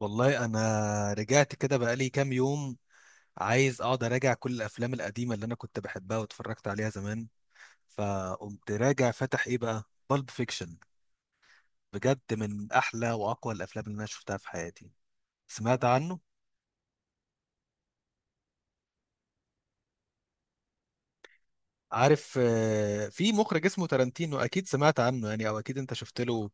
والله انا رجعت كده بقالي كام يوم، عايز اقعد اراجع كل الافلام القديمه اللي انا كنت بحبها واتفرجت عليها زمان. فقمت راجع فتح ايه بقى؟ بالب فيكشن. بجد من احلى واقوى الافلام اللي انا شفتها في حياتي. سمعت عنه؟ عارف، في مخرج اسمه تارانتينو اكيد سمعت عنه يعني، او اكيد انت شفت له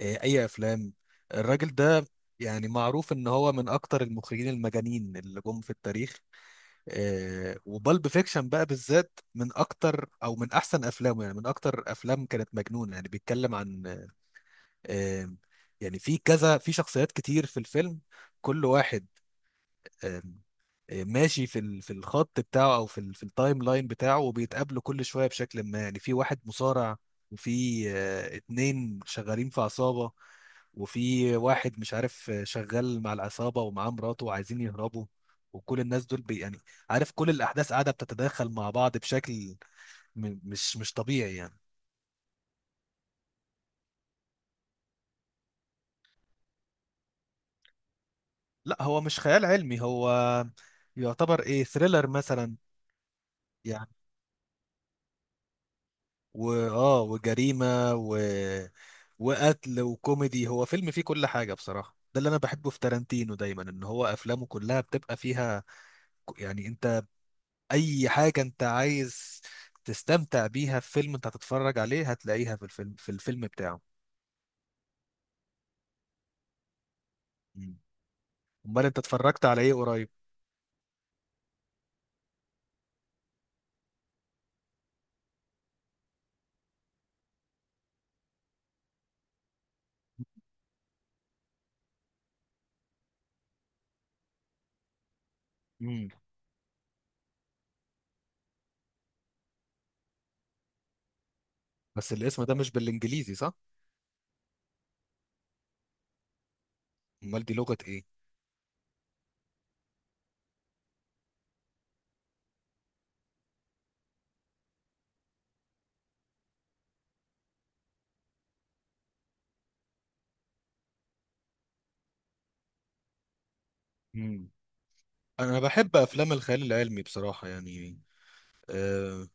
اي افلام الراجل ده. يعني معروف ان هو من اكتر المخرجين المجانين اللي جم في التاريخ. وبالب فيكشن بقى بالذات من اكتر او من احسن افلامه، يعني من اكتر افلام كانت مجنونه. يعني بيتكلم عن، آه يعني في كذا، في شخصيات كتير في الفيلم. كل واحد ماشي في الخط بتاعه، او في التايم لاين بتاعه، وبيتقابلوا كل شويه بشكل ما. يعني في واحد مصارع، وفي اتنين شغالين في عصابه، وفي واحد مش عارف، شغال مع العصابه ومعاه مراته وعايزين يهربوا. وكل الناس دول بي يعني، عارف، كل الاحداث قاعده بتتداخل مع بعض بشكل مش طبيعي يعني. لا، هو مش خيال علمي، هو يعتبر ايه، ثريلر مثلا. يعني واه، وجريمه وقتل وكوميدي. هو فيلم فيه كل حاجة بصراحة، ده اللي انا بحبه في تارانتينو دايما، ان هو افلامه كلها بتبقى فيها يعني انت اي حاجة انت عايز تستمتع بيها في فيلم انت هتتفرج عليه، هتلاقيها في الفيلم في الفيلم بتاعه. مم. امال انت اتفرجت على ايه قريب؟ مم. بس الاسم ده مش بالانجليزي صح؟ امال دي لغة ايه؟ مم. انا بحب افلام الخيال العلمي بصراحة يعني. أه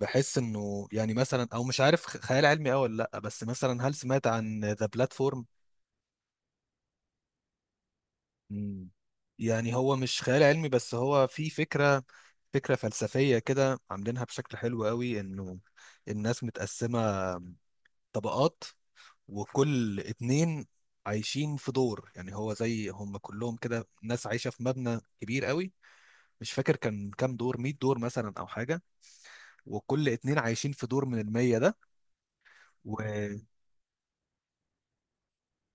بحس انه يعني مثلا، او مش عارف خيال علمي او ولا لا. بس مثلا، هل سمعت عن ذا بلاتفورم؟ مم. يعني هو مش خيال علمي، بس هو في فكرة فلسفية كده عاملينها بشكل حلو قوي، انه الناس متقسمة طبقات، وكل اتنين عايشين في دور. يعني هو زي هم كلهم كده، ناس عايشة في مبنى كبير قوي. مش فاكر كان كام دور، 100 دور مثلا او حاجة. وكل اتنين عايشين في دور من المية ده.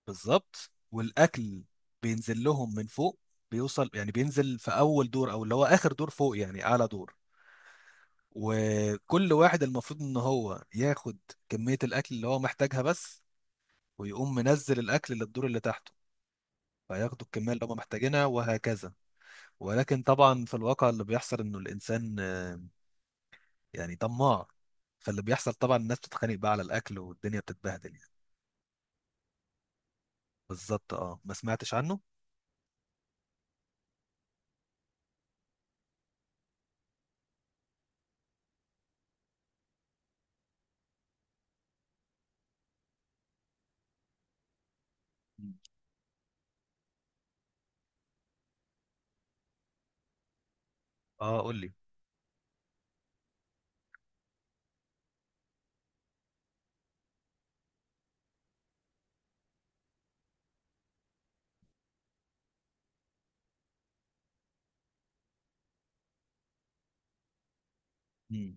وبالظبط، والاكل بينزل لهم من فوق. بيوصل يعني، بينزل في اول دور، او اللي هو اخر دور فوق يعني اعلى دور. وكل واحد المفروض ان هو ياخد كمية الاكل اللي هو محتاجها بس، ويقوم منزل الاكل للدور اللي تحته، فياخدوا الكمية اللي هم محتاجينها وهكذا. ولكن طبعا في الواقع اللي بيحصل انه الانسان، يعني طماع. فاللي بيحصل طبعا الناس بتتخانق بقى على الاكل، والدنيا بتتبهدل يعني. بالظبط، اه، ما سمعتش عنه. مم. اه، قول لي. مم.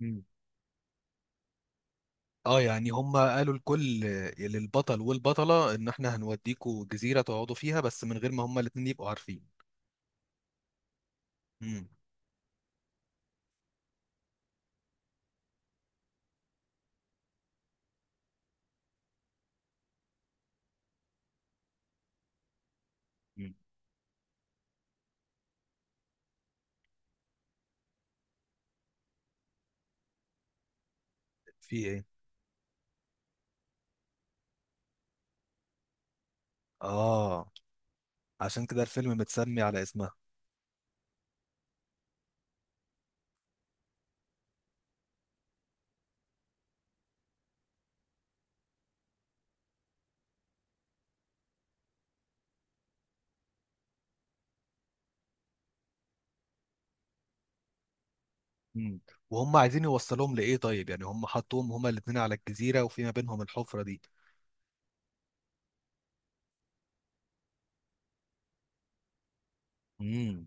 مم. اه، يعني هم قالوا للبطل والبطلة ان احنا هنوديكوا جزيرة تقعدوا فيها، بس من غير ما هم الاتنين يبقوا عارفين. مم. في ايه؟ اه، عشان كده الفيلم متسمي على اسمها. امم وهم عايزين يوصلهم لايه طيب؟ يعني هم حطوهم هما الاثنين على الجزيره وفي ما بينهم الحفره دي. امم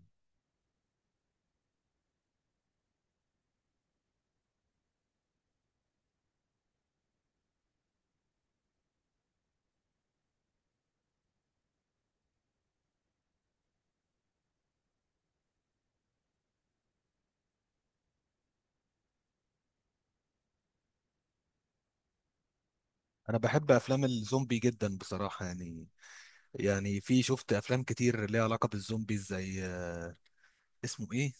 انا بحب افلام الزومبي جدا بصراحه يعني. يعني في، شفت افلام كتير ليها علاقه بالزومبي، زي اسمه ايه،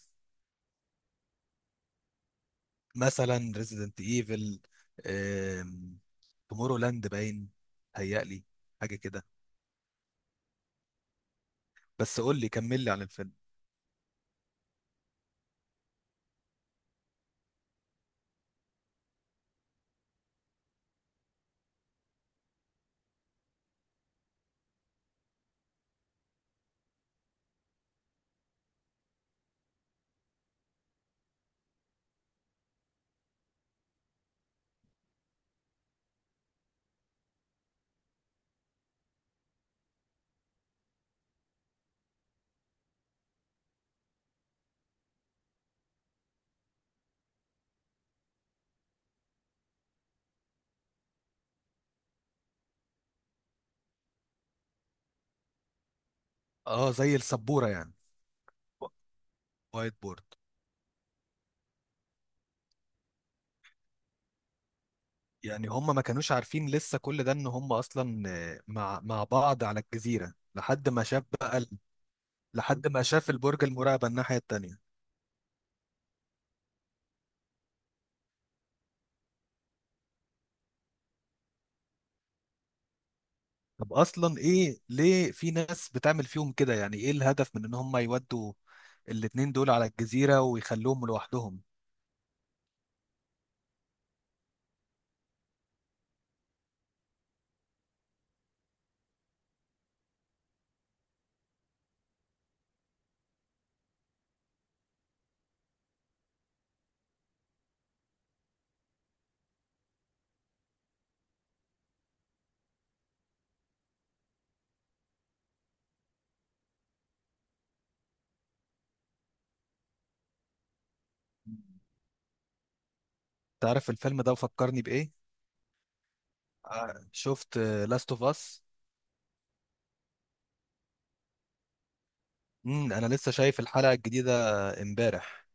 مثلا ريزيدنت ايفل، تومورو لاند باين، هيقلي، حاجه كده. بس قول لي، كمل لي عن الفيلم. اه، زي السبوره يعني. وايت بورد. يعني هم ما كانوش عارفين لسه كل ده، ان هم اصلا مع بعض على الجزيره، لحد ما شاف بقى لحد ما شاف البرج المراقبه الناحيه التانيه. طب اصلا ايه؟ ليه في ناس بتعمل فيهم كده؟ يعني ايه الهدف من ان هم يودوا الاتنين دول على الجزيره ويخلوهم لوحدهم؟ تعرف الفيلم ده فكرني بايه؟ شفت لاست اوف اس. انا لسه شايف الحلقه الجديده امبارح.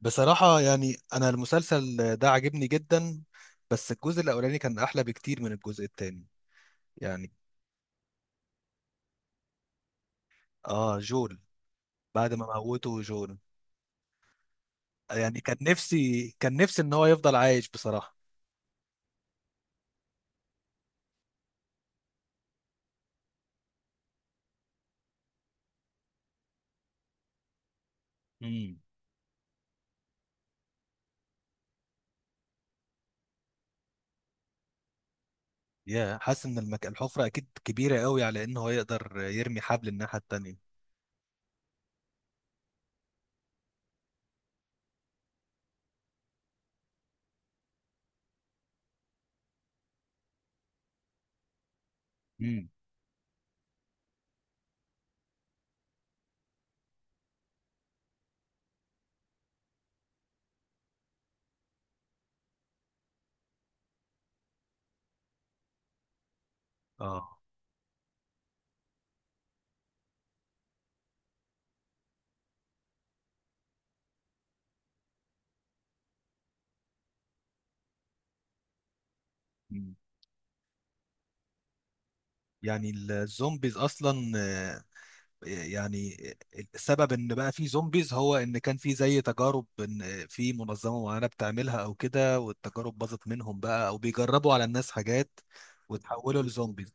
بصراحة يعني أنا المسلسل ده عجبني جدا، بس الجزء الأولاني كان أحلى بكتير من الجزء التاني. يعني، آه، جول. بعد ما موته جول. يعني، كان نفسي إن هو يفضل عايش بصراحة. امم يا، حاسس إن الحفرة أكيد كبيرة قوي على إن هو يقدر يرمي حبل الناحية التانية. امم، آه، مم. يعني الزومبيز أصلا، يعني السبب ان بقى في زومبيز هو ان كان في زي تجارب، ان في منظمه معينه بتعملها او كده، والتجارب باظت منهم بقى، او بيجربوا على الناس حاجات وتحولوا لزومبيز.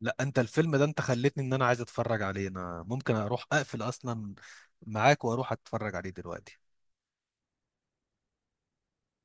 لا، انت الفيلم ده انت خلتني ان انا عايز اتفرج عليه. انا ممكن اروح اقفل اصلا معاك واروح اتفرج عليه دلوقتي.